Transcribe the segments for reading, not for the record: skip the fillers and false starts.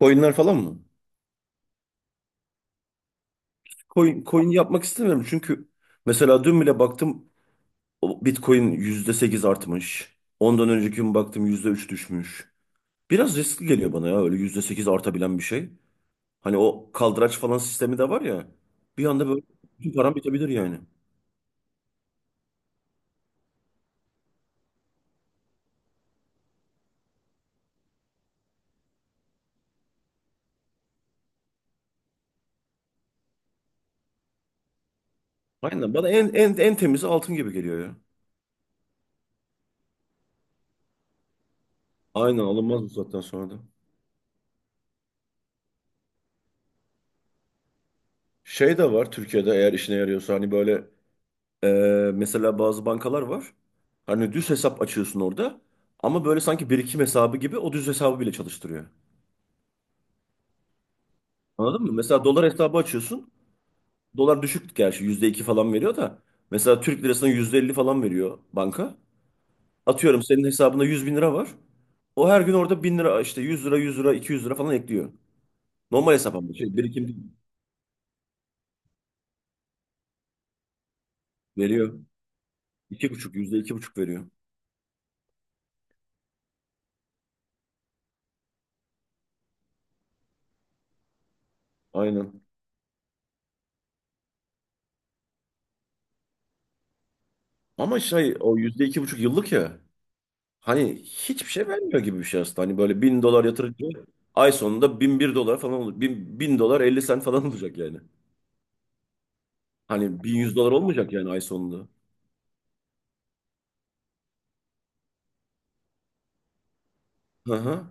Coinler falan mı? Coin yapmak istemiyorum çünkü mesela dün bile baktım o Bitcoin %8 artmış. Ondan önceki gün baktım %3 düşmüş. Biraz riskli geliyor bana ya öyle %8 artabilen bir şey. Hani o kaldıraç falan sistemi de var ya. Bir anda böyle bütün param bitebilir yani. Aynen, bana en temizi altın gibi geliyor ya. Aynen alınmaz bu zaten sonra da. Şey de var Türkiye'de eğer işine yarıyorsa hani böyle mesela bazı bankalar var. Hani düz hesap açıyorsun orada. Ama böyle sanki birikim hesabı gibi o düz hesabı bile çalıştırıyor. Anladın mı? Mesela dolar hesabı açıyorsun. Dolar düşük gerçi %2 falan veriyor da. Mesela Türk lirasına %50 falan veriyor banka. Atıyorum senin hesabında 100.000 lira var. O her gün orada 1.000 lira işte 100 lira 100 lira 200 lira falan ekliyor. Normal hesap ama şey birikim değil. Veriyor. İki buçuk, yüzde iki buçuk veriyor. Aynen. Ama şey o %2,5 yıllık ya. Hani hiçbir şey vermiyor gibi bir şey aslında. Hani böyle 1.000 dolar yatırınca ay sonunda 1.001 dolar falan olacak. Bin dolar elli sen falan olacak yani. Hani 1.100 dolar olmayacak yani ay sonunda. Hı hı.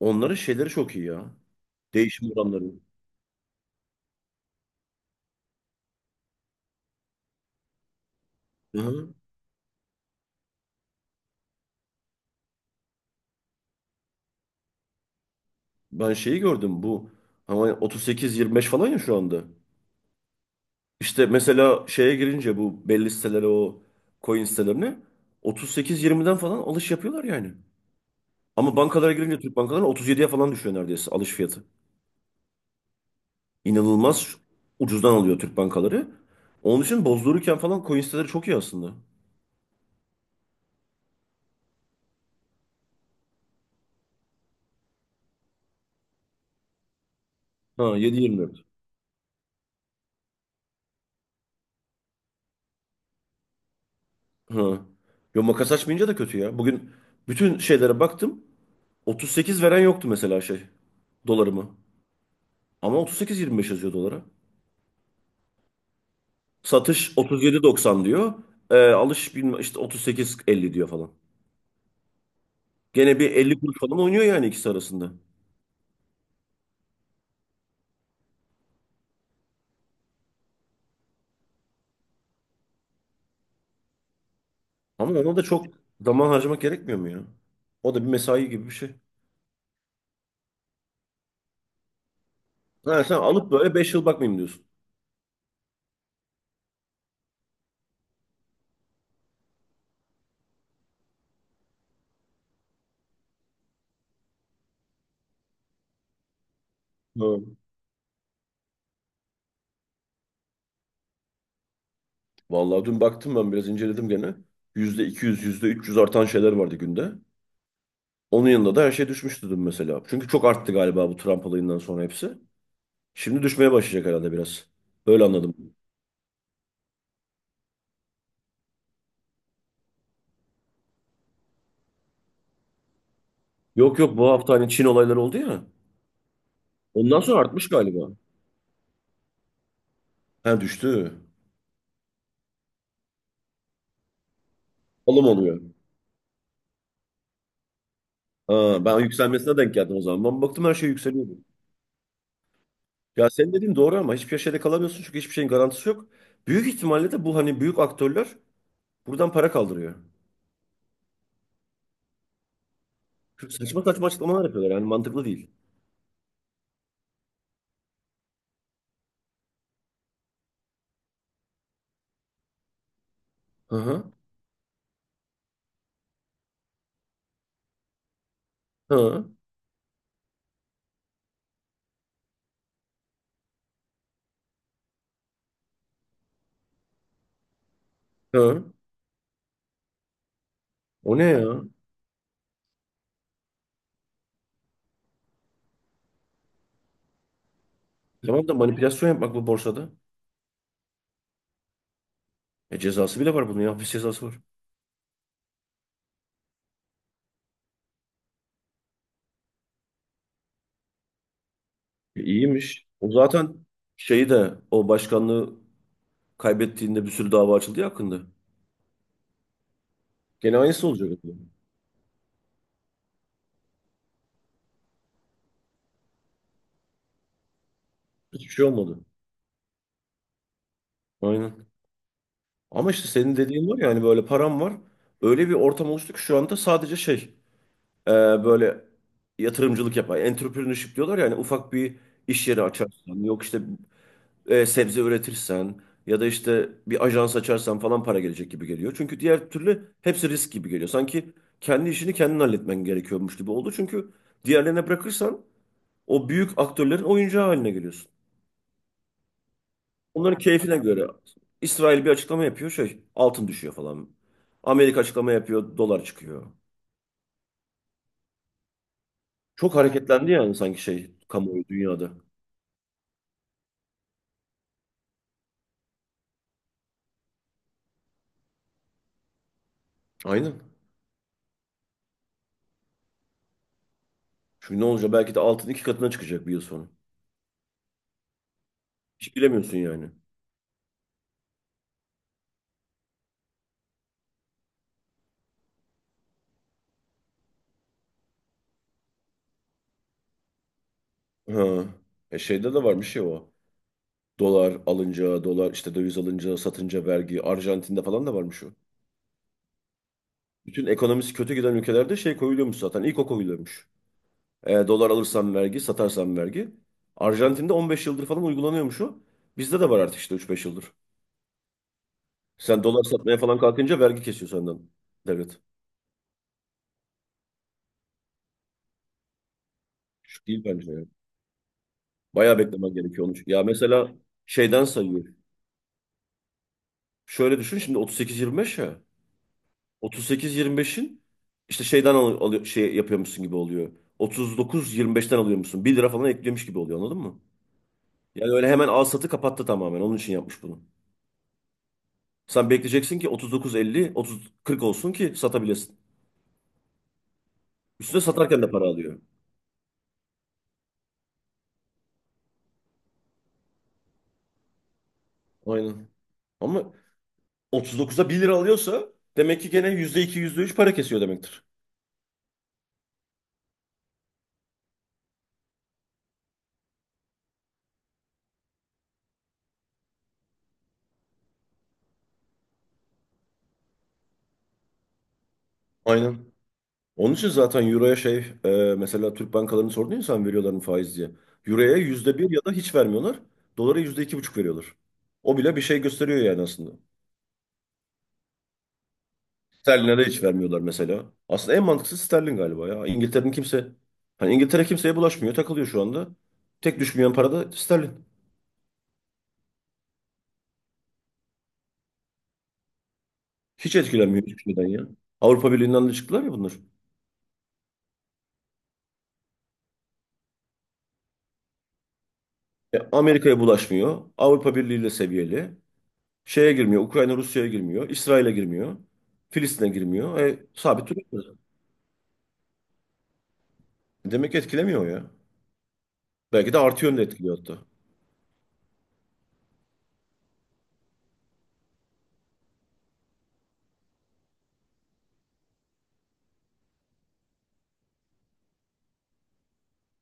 Onların şeyleri çok iyi ya. Değişim oranları. Hı hı. Ben şeyi gördüm bu. Ama 38-25 falan ya şu anda. İşte mesela şeye girince, bu belli sitelere, o coin sitelerine 38-20'den falan alış yapıyorlar yani. Ama bankalara girince Türk bankalarına 37'ye falan düşüyor neredeyse alış fiyatı. İnanılmaz ucuzdan alıyor Türk bankaları. Onun için bozdururken falan coin siteleri çok iyi aslında. Ha, 7.24. Ha. Yo, makas açmayınca da kötü ya. Bugün bütün şeylere baktım. 38 veren yoktu mesela şey. Dolarımı. Ama 38,25 yazıyor dolara. Satış 37,90 diyor. Alış bilmem işte 38,50 diyor falan. Gene bir 50 kuruş falan oynuyor yani ikisi arasında. Ama ona da çok zaman harcamak gerekmiyor mu ya? O da bir mesai gibi bir şey. Ha, sen alıp böyle 5 yıl bakmayayım diyorsun. Ha. Vallahi dün baktım, ben biraz inceledim gene. Yüzde 200, yüzde 300 artan şeyler vardı günde. Onun yanında da her şey düşmüştü dün mesela. Çünkü çok arttı galiba bu Trump olayından sonra hepsi. Şimdi düşmeye başlayacak herhalde biraz. Öyle anladım. Yok yok, bu hafta hani Çin olayları oldu ya. Ondan sonra artmış galiba. Ha, düştü. Alım oluyor. Ha, ben yükselmesine denk geldim o zaman. Ben baktım her şey yükseliyordu. Ya senin dediğin doğru ama hiçbir şeyde kalamıyorsun çünkü hiçbir şeyin garantisi yok. Büyük ihtimalle de bu hani büyük aktörler buradan para kaldırıyor. Çünkü saçma saçma açıklamalar yapıyorlar yani mantıklı değil. Hı hı. Hı. Hı. O ne ya? Tamam da manipülasyon yapmak bu borsada. E, cezası bile var bunun ya. Hapis cezası var. E, iyiymiş. O zaten şeyi de, o başkanlığı kaybettiğinde bir sürü dava açıldı ya hakkında. Gene aynısı olacak. Hiçbir şey olmadı. Aynen. Ama işte senin dediğin var ya, hani böyle param var. Öyle bir ortam oluştu ki şu anda sadece şey, e, böyle yatırımcılık yapar. Entrepreneurship diyorlar ya, hani ufak bir iş yeri açarsan. Yok işte, sebze üretirsen ya da işte bir ajans açarsan falan para gelecek gibi geliyor. Çünkü diğer türlü hepsi risk gibi geliyor. Sanki kendi işini kendin halletmen gerekiyormuş gibi oldu. Çünkü diğerlerine bırakırsan o büyük aktörlerin oyuncağı haline geliyorsun. Onların keyfine göre İsrail bir açıklama yapıyor, şey, altın düşüyor falan. Amerika açıklama yapıyor, dolar çıkıyor. Çok hareketlendi yani, sanki şey kamuoyu dünyada. Aynen. Çünkü ne olacak, belki de altın iki katına çıkacak 1 yıl sonra. Hiç bilemiyorsun yani. Ha. E, şeyde de var bir şey o. Dolar alınca, dolar işte döviz alınca, satınca vergi. Arjantin'de falan da varmış o. Bütün ekonomisi kötü giden ülkelerde şey koyuluyormuş zaten. İlk o koyuluyormuş. E, dolar alırsan vergi, satarsan vergi. Arjantin'de 15 yıldır falan uygulanıyormuş o. Bizde de var artık işte 3-5 yıldır. Sen dolar satmaya falan kalkınca vergi kesiyor senden devlet. Şu değil bence ya. Bayağı beklemen gerekiyor onu. Ya mesela şeyden sayıyor. Şöyle düşün şimdi, 38-25 ya. 38-25'in işte, şeyden alıyor, şey yapıyormuşsun gibi oluyor. 39-25'ten alıyormuşsun. Bir lira falan ekliyormuş gibi oluyor, anladın mı? Yani öyle hemen al satı kapattı tamamen. Onun için yapmış bunu. Sen bekleyeceksin ki 39-50, 30-40 olsun ki satabilesin. Üstüne satarken de para alıyor. Aynen. Ama 39'a bir lira alıyorsa demek ki gene %2, yüzde üç para kesiyor demektir. Aynen. Onun için zaten Euro'ya şey, e, mesela Türk bankalarını sordun ya sen, veriyorlar mı faiz diye. Euro'ya %1 ya da hiç vermiyorlar. Dolara %2,5 veriyorlar. O bile bir şey gösteriyor yani aslında. Sterlin'e de hiç vermiyorlar mesela. Aslında en mantıklısı sterlin galiba ya. İngiltere'nin kimse, hani İngiltere kimseye bulaşmıyor, takılıyor şu anda. Tek düşmeyen para da sterlin. Hiç etkilenmiyor hiçbir şeyden ya. Avrupa Birliği'nden de çıktılar ya bunlar. E, Amerika'ya bulaşmıyor. Avrupa Birliği ile seviyeli. Şeye girmiyor. Ukrayna Rusya'ya girmiyor. İsrail'e girmiyor. Filistin'e girmiyor. E, sabit duruyor. Demek ki etkilemiyor ya. Belki de artı yönde etkiliyor hatta.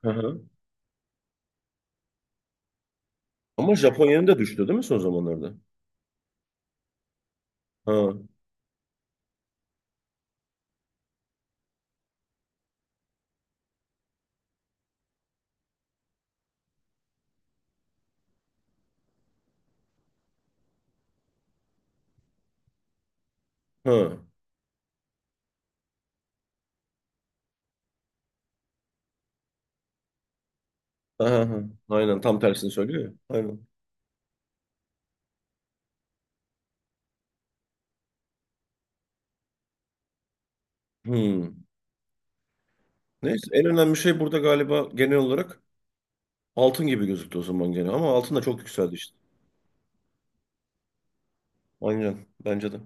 Hı hı. Ama Japonya'nın da düştü değil mi son zamanlarda? Ha, ha, aha, aha. Aynen, tam tersini söylüyor ya. Aynen. Hmm. Neyse, en önemli şey burada galiba, genel olarak altın gibi gözüktü o zaman gene. Ama altın da çok yükseldi işte. Aynen, bence de.